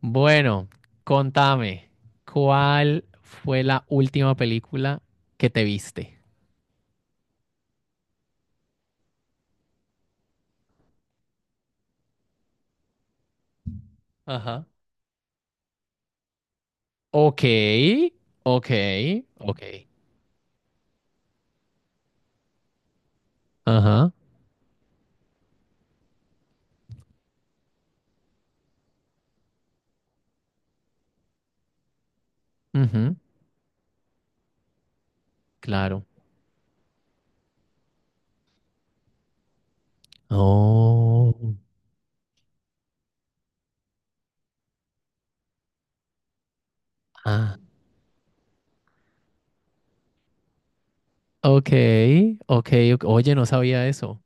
Bueno, contame, ¿cuál fue la última película que te viste? Ajá. Ok, ok, ok. Ajá, ujú, claro. Oh, ah, ok, ok. Ok. Oye, no sabía eso.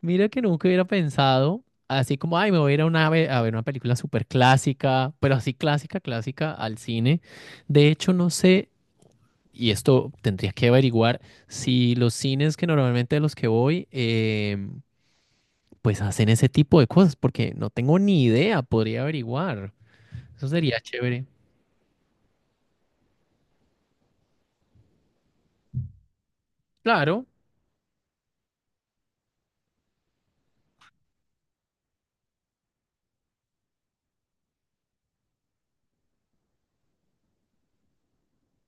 Mira que nunca hubiera pensado, así como, ay, me voy a ir a, una, a ver una película súper clásica, pero así clásica, clásica, al cine. De hecho, no sé. Y esto tendría que averiguar si los cines que normalmente a los que voy, pues hacen ese tipo de cosas, porque no tengo ni idea, podría averiguar. Eso sería chévere. Claro,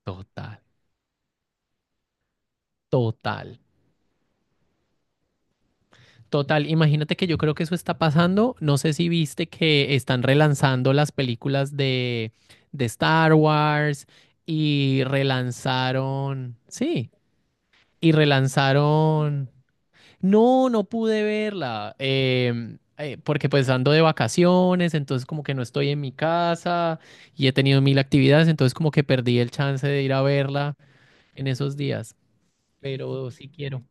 total, total. Total, imagínate que yo creo que eso está pasando. No sé si viste que están relanzando las películas de Star Wars y relanzaron, sí, y relanzaron. No, no pude verla, porque pues ando de vacaciones, entonces como que no estoy en mi casa y he tenido mil actividades, entonces como que perdí el chance de ir a verla en esos días, pero sí quiero.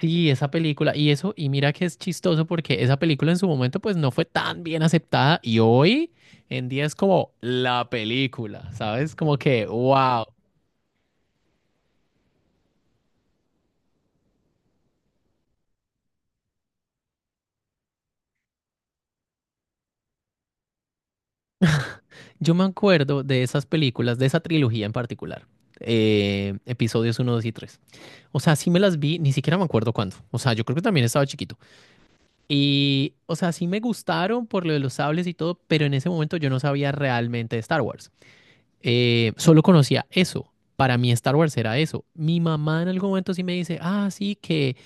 Sí, esa película, y eso, y mira que es chistoso porque esa película en su momento pues no fue tan bien aceptada y hoy en día es como la película, ¿sabes? Como que, wow. Yo me acuerdo de esas películas, de esa trilogía en particular, episodios uno, 2 y 3. O sea, sí me las vi, ni siquiera me acuerdo cuándo. O sea, yo creo que también estaba chiquito. Y, o sea, sí me gustaron por lo de los sables y todo, pero en ese momento yo no sabía realmente de Star Wars. Solo conocía eso. Para mí Star Wars era eso. Mi mamá en algún momento sí me dice, ah, sí, que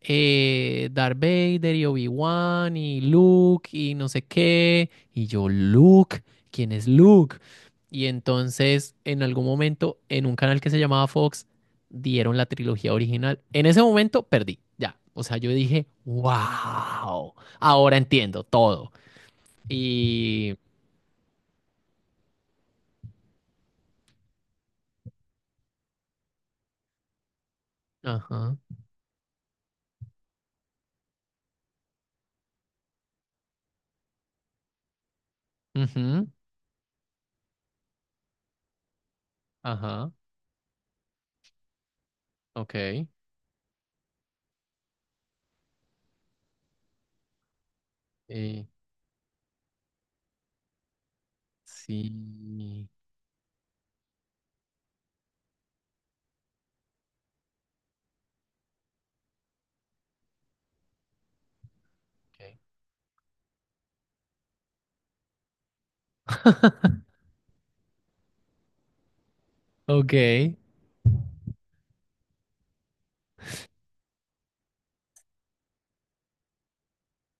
Darth Vader y Obi-Wan y Luke y no sé qué. Y yo, Luke, ¿quién es Luke? Y entonces, en algún momento, en un canal que se llamaba Fox, dieron la trilogía original. En ese momento perdí, ya. O sea, yo dije, wow, ahora entiendo todo. Y... Ajá, ujú, ajá, ok. eh, sí. Ok. Ok,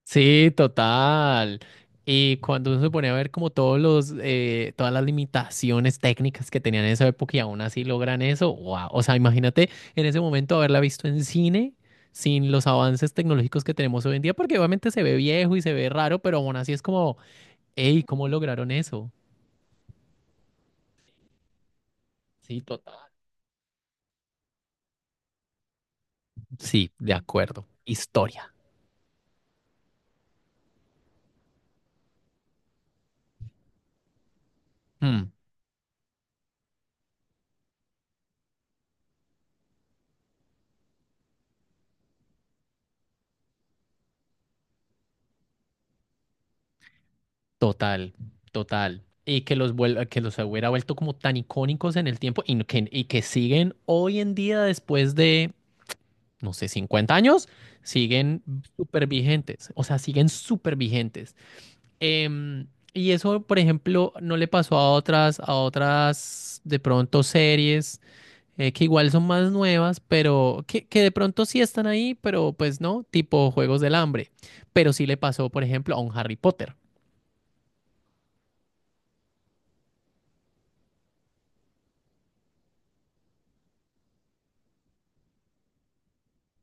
sí, total. Y cuando uno se pone a ver como todas las limitaciones técnicas que tenían en esa época y aún así logran eso, wow. O sea, imagínate en ese momento haberla visto en cine sin los avances tecnológicos que tenemos hoy en día, porque obviamente se ve viejo y se ve raro, pero aún así es como, hey, ¿cómo lograron eso? Sí, total. Sí, de acuerdo. Historia. Mm. Total, total. Y que los hubiera vuelto como tan icónicos en el tiempo y y que siguen hoy en día después de, no sé, 50 años, siguen súper vigentes. O sea, siguen súper vigentes. Em, y eso, por ejemplo, no le pasó a otras, de pronto series que igual son más nuevas, pero que de pronto sí están ahí, pero pues no, tipo Juegos del Hambre. Pero sí le pasó, por ejemplo, a un Harry Potter.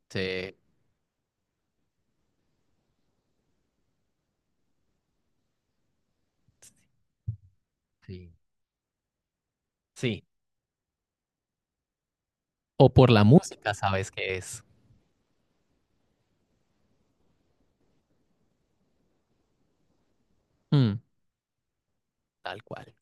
Se- Sí. Sí, o por la música sabes qué es. Mm, Tal cual.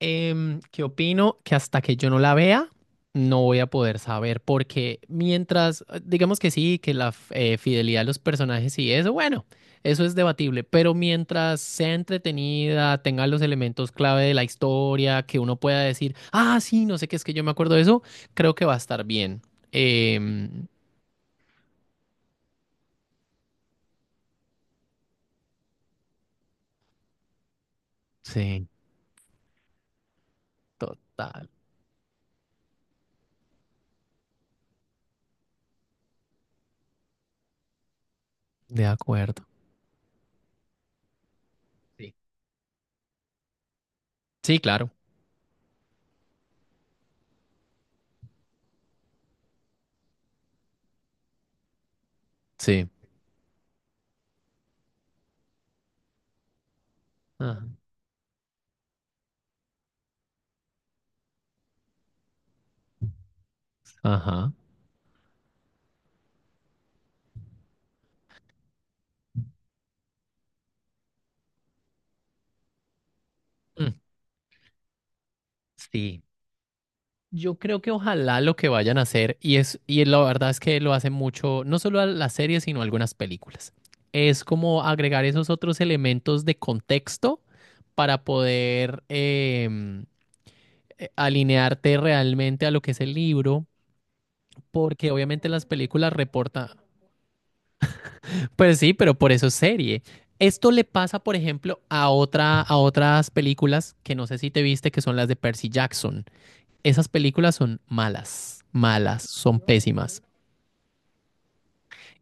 ¿Qué opino? Que hasta que yo no la vea, no voy a poder saber, porque mientras, digamos que sí, que la fidelidad de los personajes y eso, bueno, eso es debatible, pero mientras sea entretenida, tenga los elementos clave de la historia, que uno pueda decir, ah, sí, no sé qué es que yo me acuerdo de eso, creo que va a estar bien. Em, sí, total, de acuerdo. Sí, sí, claro, sí. Ajá. Mm, sí, yo creo que ojalá lo que vayan a hacer, y es, y la verdad es que lo hacen mucho, no solo a las series, sino a algunas películas. Es como agregar esos otros elementos de contexto para poder alinearte realmente a lo que es el libro, porque obviamente las películas reportan. Pues sí, pero por eso es serie. Esto le pasa, por ejemplo, a otras películas que no sé si te viste, que son las de Percy Jackson. Esas películas son malas, malas, son pésimas.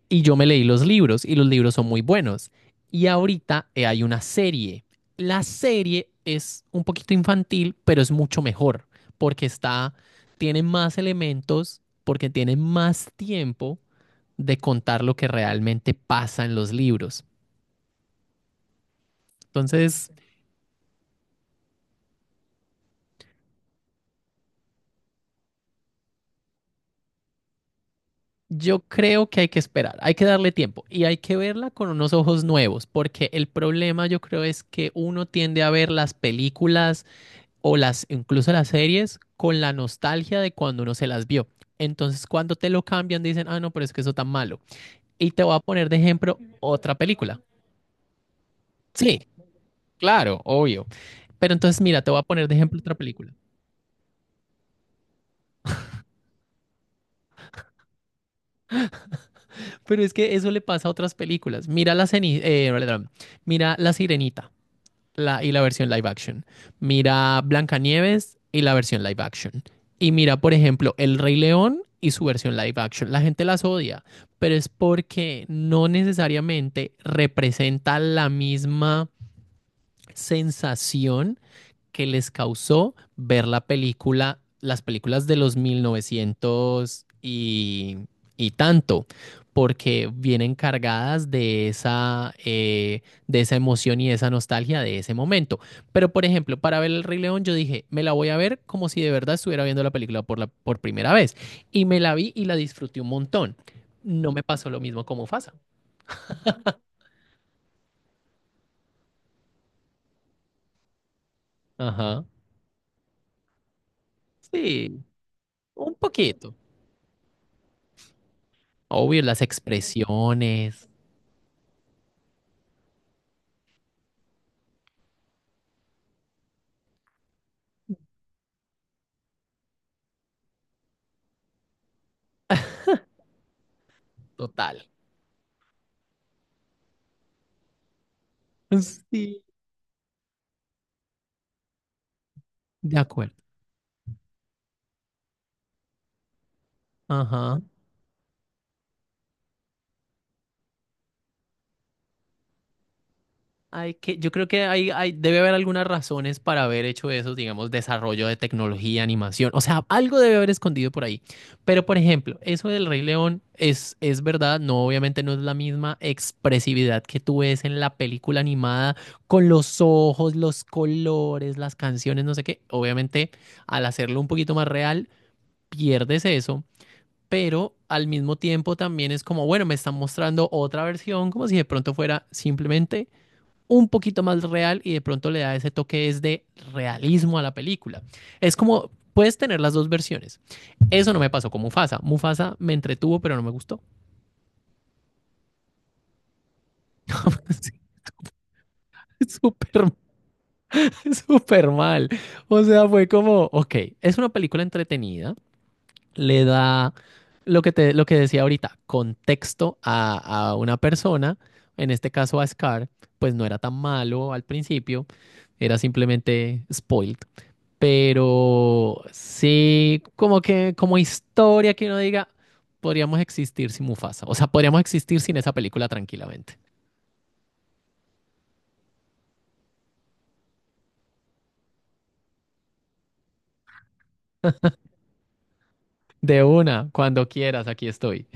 Y yo me leí los libros y los libros son muy buenos. Y ahorita hay una serie. La serie es un poquito infantil, pero es mucho mejor porque tiene más elementos, porque tiene más tiempo de contar lo que realmente pasa en los libros. Entonces, yo creo que hay que esperar, hay que darle tiempo y hay que verla con unos ojos nuevos, porque el problema yo creo es que uno tiende a ver las películas o las incluso las series con la nostalgia de cuando uno se las vio. Entonces, cuando te lo cambian, dicen, ah, no, pero es que eso tan malo. Y te voy a poner de ejemplo otra película. Sí, claro, obvio. Pero entonces, mira, te voy a poner de ejemplo otra película. Pero es que eso le pasa a otras películas. Mira mira la Sirenita. Y la versión live action. Mira Blancanieves y la versión live action. Y mira, por ejemplo, El Rey León y su versión live action. La gente las odia, pero es porque no necesariamente representa la misma sensación que les causó ver la película, las películas de los 1900 y tanto, porque vienen cargadas de esa emoción y esa nostalgia de ese momento. Pero, por ejemplo, para ver El Rey León, yo dije, me la voy a ver como si de verdad estuviera viendo la película por primera vez. Y me la vi y la disfruté un montón. No me pasó lo mismo como Fasa. Ajá. Sí, un poquito. Obvio, las expresiones, total. Sí, de acuerdo. Ajá. Yo creo que debe haber algunas razones para haber hecho eso, digamos, desarrollo de tecnología, animación. O sea, algo debe haber escondido por ahí. Pero, por ejemplo, eso del Rey León es verdad. No, obviamente no es la misma expresividad que tú ves en la película animada con los ojos, los colores, las canciones, no sé qué. Obviamente, al hacerlo un poquito más real, pierdes eso. Pero al mismo tiempo también es como, bueno, me están mostrando otra versión, como si de pronto fuera simplemente un poquito más real y de pronto le da ese toque es de realismo a la película. Es como, puedes tener las dos versiones. Eso no me pasó con Mufasa. Mufasa me entretuvo, pero no me gustó. Súper, súper mal. O sea, fue como, ok, es una película entretenida, le da lo que decía ahorita, contexto a una persona, en este caso a Scar, pues no era tan malo al principio, era simplemente spoiled. Pero sí, como historia que uno diga, podríamos existir sin Mufasa. O sea, podríamos existir sin esa película tranquilamente. De una, cuando quieras, aquí estoy.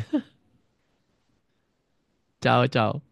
Chao, chao.